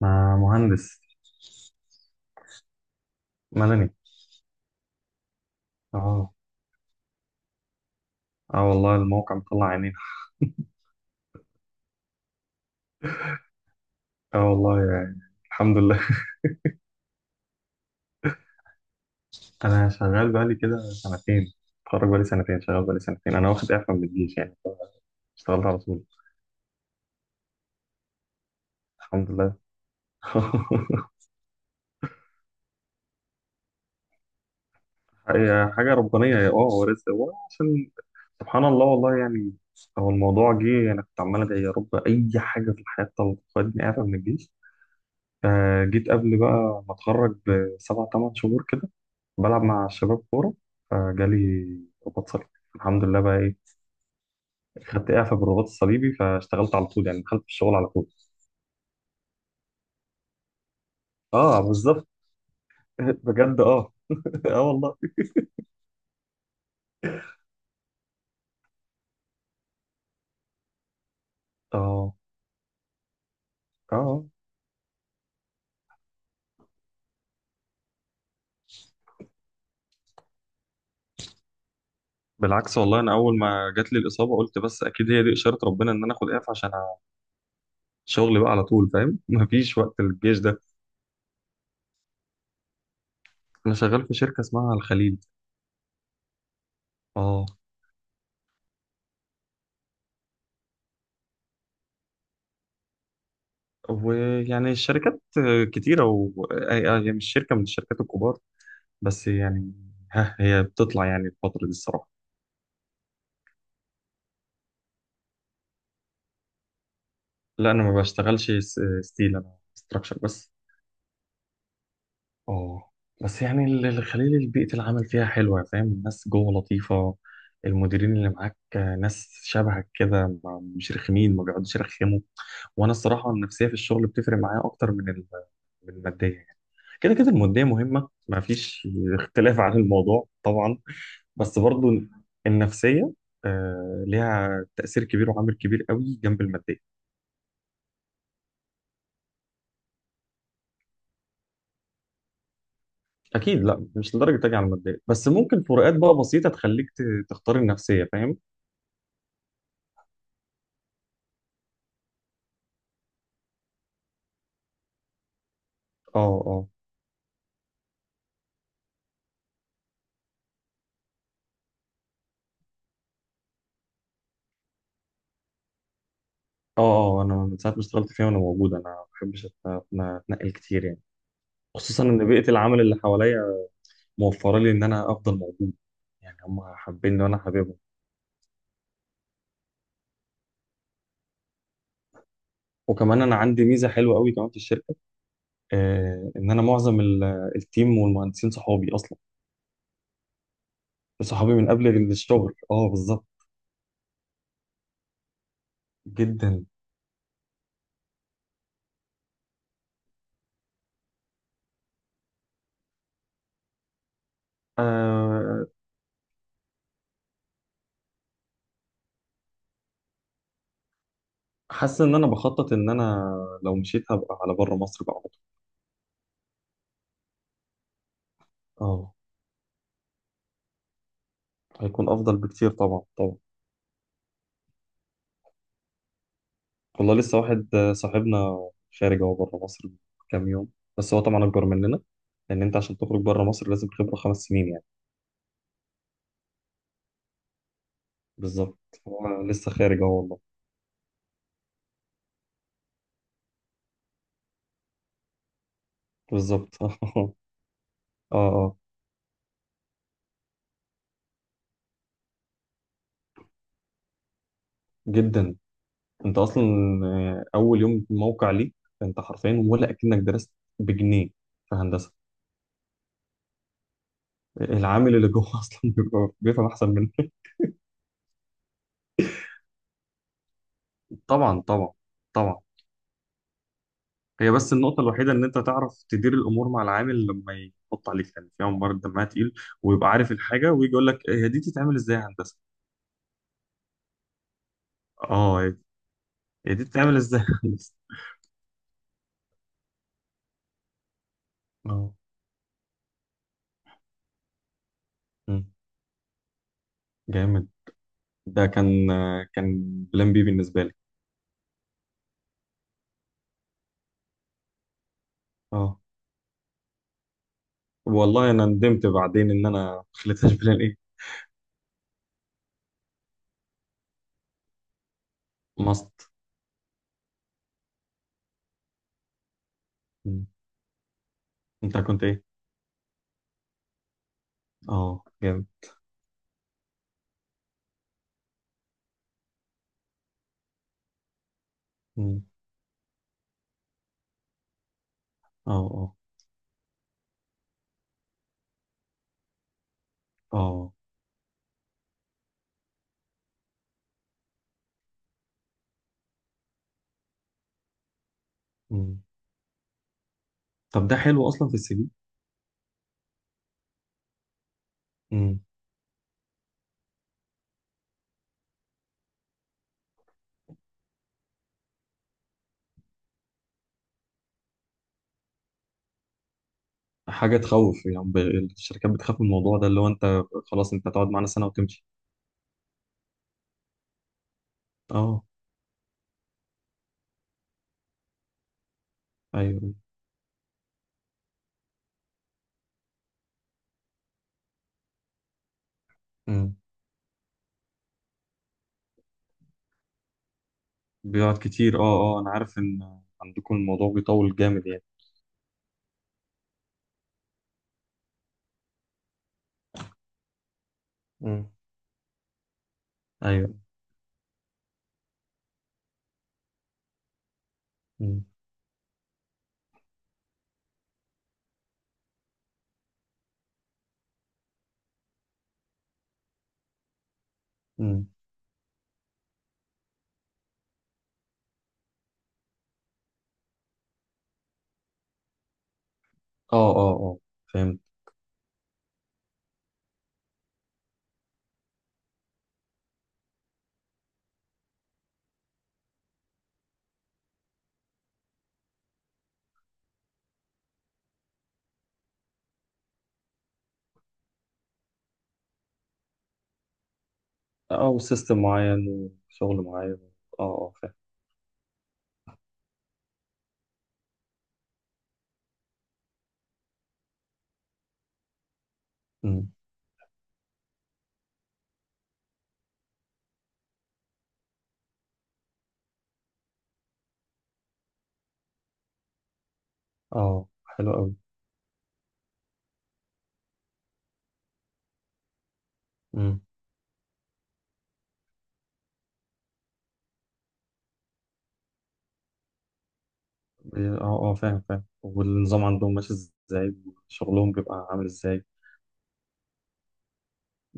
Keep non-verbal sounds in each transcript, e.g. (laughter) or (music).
مع مهندس مدني. اه، اه، والله الموقع مطلع عينين. اه والله يعني، الحمد لله. (laughs) انا شغال بقالي كده سنتين، اتخرج بقالي سنتين شغال بقالي سنتين، انا واخد اعفاء من الجيش يعني، اشتغلت على طول، الحمد لله. (laughs) هي حاجه ربانيه، يا اه هو رزق، هو عشان سبحان الله والله يعني. هو الموضوع جه، انا كنت عمال ادعي يا رب اي حاجه في الحياه تاخدني اعفاء من الجيش. آه، جيت قبل بقى ما اتخرج بسبع ثمان شهور كده، بلعب مع الشباب كورة، فجالي رباط صليبي، الحمد لله بقى ايه. خدت اعفاء بالرباط الصليبي فاشتغلت على طول يعني، دخلت في الشغل على طول. اه بالظبط. (laughs) بجد اه. (laughs) اه والله. اه اه بالعكس والله، انا اول ما جات لي الاصابه قلت بس اكيد هي دي اشاره ربنا ان انا اخد اعفاء عشان الشغل بقى على طول، فاهم؟ (laughs) مفيش وقت للجيش ده. انا شغال في شركه اسمها الخليل. اه، ويعني الشركات كتيره و... آه، آه، يعني مش شركه من الشركات الكبار، بس يعني ها هي بتطلع يعني الفتره دي الصراحه. لا انا ما بشتغلش ستيل، انا ستراكشر بس. اه، بس يعني الخليل بيئة العمل فيها حلوة، فاهم؟ الناس جوه لطيفة، المديرين اللي معاك ناس شبهك كده، مش رخمين، ما بيقعدوش يرخموا. وانا الصراحة النفسية في الشغل بتفرق معايا اكتر من من المادية يعني. كده كده المادية مهمة، ما فيش اختلاف عن الموضوع طبعا، بس برضو النفسية آه، ليها تأثير كبير وعامل كبير قوي جنب المادية. اكيد لا، مش لدرجه تاجي على الماديه، بس ممكن فروقات بقى بسيطه تخليك تختار النفسيه، فاهم؟ اه اه اه اه، انا من ساعه ما اشتغلت فيها وانا موجود، انا ما بحبش اتنقل كتير يعني. خصوصا ان بيئه العمل اللي حواليا موفره لي ان انا افضل موجود، يعني هم حابيني وانا حاببهم. وكمان انا عندي ميزه حلوه قوي كمان في الشركه، آه ان انا معظم التيم والمهندسين صحابي اصلا، صحابي من قبل الشغل، اه بالظبط. جدا. آه، حاسس ان انا بخطط ان انا لو مشيت هبقى على بره مصر بقى على طول. اه هيكون افضل بكتير، طبعا طبعا. والله لسه واحد آه، صاحبنا خارج هو بره مصر من كام يوم، بس هو طبعا اكبر مننا، لان انت عشان تخرج بره مصر لازم خبره 5 سنين يعني. بالظبط، هو لسه خارج اهو والله. بالظبط. (laughs) اه اه جدا. انت اصلا آه، اول يوم موقع ليك، انت حرفيا ولا اكنك درست بجنيه في هندسه. العامل اللي جوه (laughs) اصلا بيبقى بيفهم احسن منك. طبعا طبعا طبعا. هي بس النقطة الوحيدة إن أنت تعرف تدير الأمور مع العامل، لما يحط عليك يعني في عمال دمها تقيل، ويبقى عارف الحاجة ويجي يقول لك هي دي تتعمل إزاي يا هندسة؟ أه هي، هي دي تتعمل إزاي يا هندسة؟ أه. مم. جامد. ده كان بلان بي بالنسبة لي. أه والله أنا ندمت بعدين إن أنا ما خليتهاش (laughs) بلان إيه؟ ماست. مم. أنت كنت إيه؟ أه جامد. مم. أه أه أه. مم. طب ده حلو أصلا في السي في. حاجه تخوف يعني، الشركات بتخاف من الموضوع ده، اللي هو انت خلاص انت هتقعد معانا سنه وتمشي. اه ايوه. امم. بيقعد كتير اه. اه انا عارف ان عندكم الموضوع بيطول جامد يعني. امم ايوه امم امم. اه اه اه. فهمت. اه وسيستم معين، وشغل معين. اه اه فاهم. امم. اه حلو قوي. امم. اه اه فاهم فاهم، والنظام عندهم ماشي ازاي؟ وشغلهم بيبقى عامل ازاي؟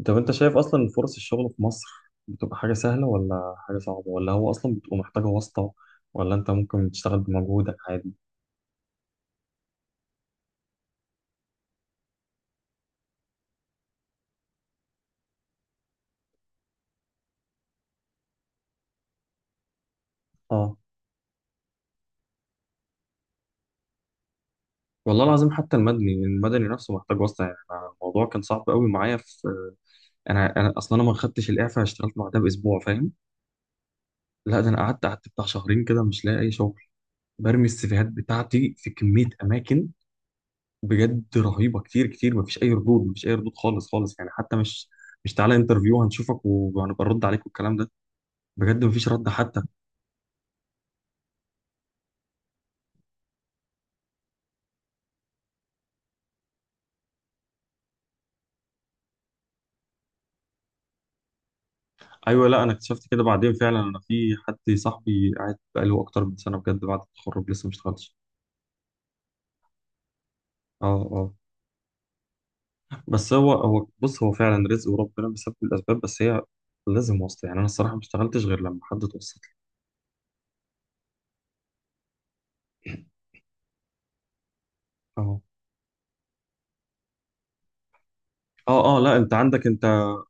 طب انت شايف اصلا فرص الشغل في مصر بتبقى حاجة سهلة ولا حاجة صعبة، ولا هو اصلا بتبقى محتاجة واسطة، ولا انت ممكن تشتغل بمجهودك عادي؟ اه والله العظيم، حتى المدني، المدني نفسه محتاج واسطة يعني. أنا الموضوع كان صعب قوي معايا في، انا اصلا انا ما خدتش الاعفاء، اشتغلت بعدها باسبوع، فاهم؟ لا ده انا قعدت بتاع شهرين كده مش لاقي اي شغل، برمي السيفيهات بتاعتي في كمية اماكن بجد رهيبة كتير كتير. مفيش اي ردود، مفيش اي ردود خالص خالص، يعني حتى مش تعالى انترفيو هنشوفك وهنبقى نرد عليك والكلام ده. بجد مفيش رد حتى. ايوه لا انا اكتشفت كده بعدين فعلا، انا في حد صاحبي قاعد بقاله اكتر من سنه بجد بعد التخرج لسه ما اشتغلش. اه اه، بس هو بص هو فعلا رزق، وربنا بيسبب الاسباب، بس هي لازم واسطه يعني. انا الصراحه ما اشتغلتش غير لما حد توسط لي. اه اه اه، لا انت عندك انت.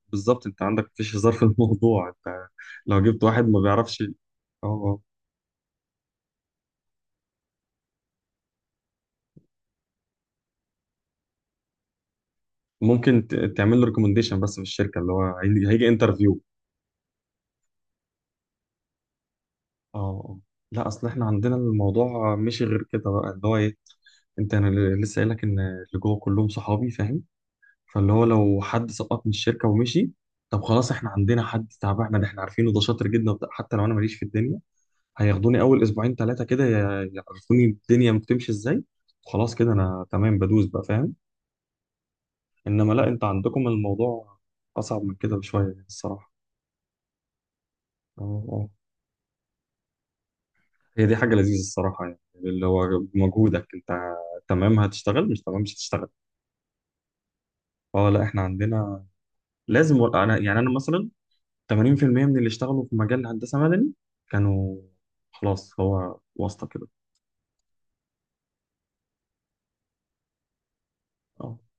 بالظبط انت عندك مفيش هزار في (laughs) الموضوع، انت لو جبت واحد ما بيعرفش، اه آه. ممكن تعمل له ريكومنديشن بس في الشركه اللي هو هيجي انترفيو. اه آه. لا اصل احنا عندنا الموضوع مش غير كده بقى اللي هو ايه، انت انا لسه قايل لك ان اللي جوه كلهم صحابي، فاهم؟ فاللي هو لو حد سقط من الشركه ومشي، طب خلاص احنا عندنا حد تعبان، احنا عارفينه ده شاطر جدا وبتاع، حتى لو انا ماليش في الدنيا هياخدوني اول اسبوعين ثلاثه كده يعرفوني الدنيا بتمشي ازاي، وخلاص كده انا تمام بدوس بقى، فاهم؟ انما لا انت عندكم الموضوع اصعب من كده بشويه يعني الصراحه. اه آه. هي دي حاجة لذيذة الصراحة، يعني اللي هو بمجهودك انت، تمام هتشتغل، مش تمام مش هتشتغل. اه لا احنا عندنا لازم، انا يعني انا مثلا 80% من اللي اشتغلوا في مجال هندسة مدني كانوا خلاص هو واسطة كده. اه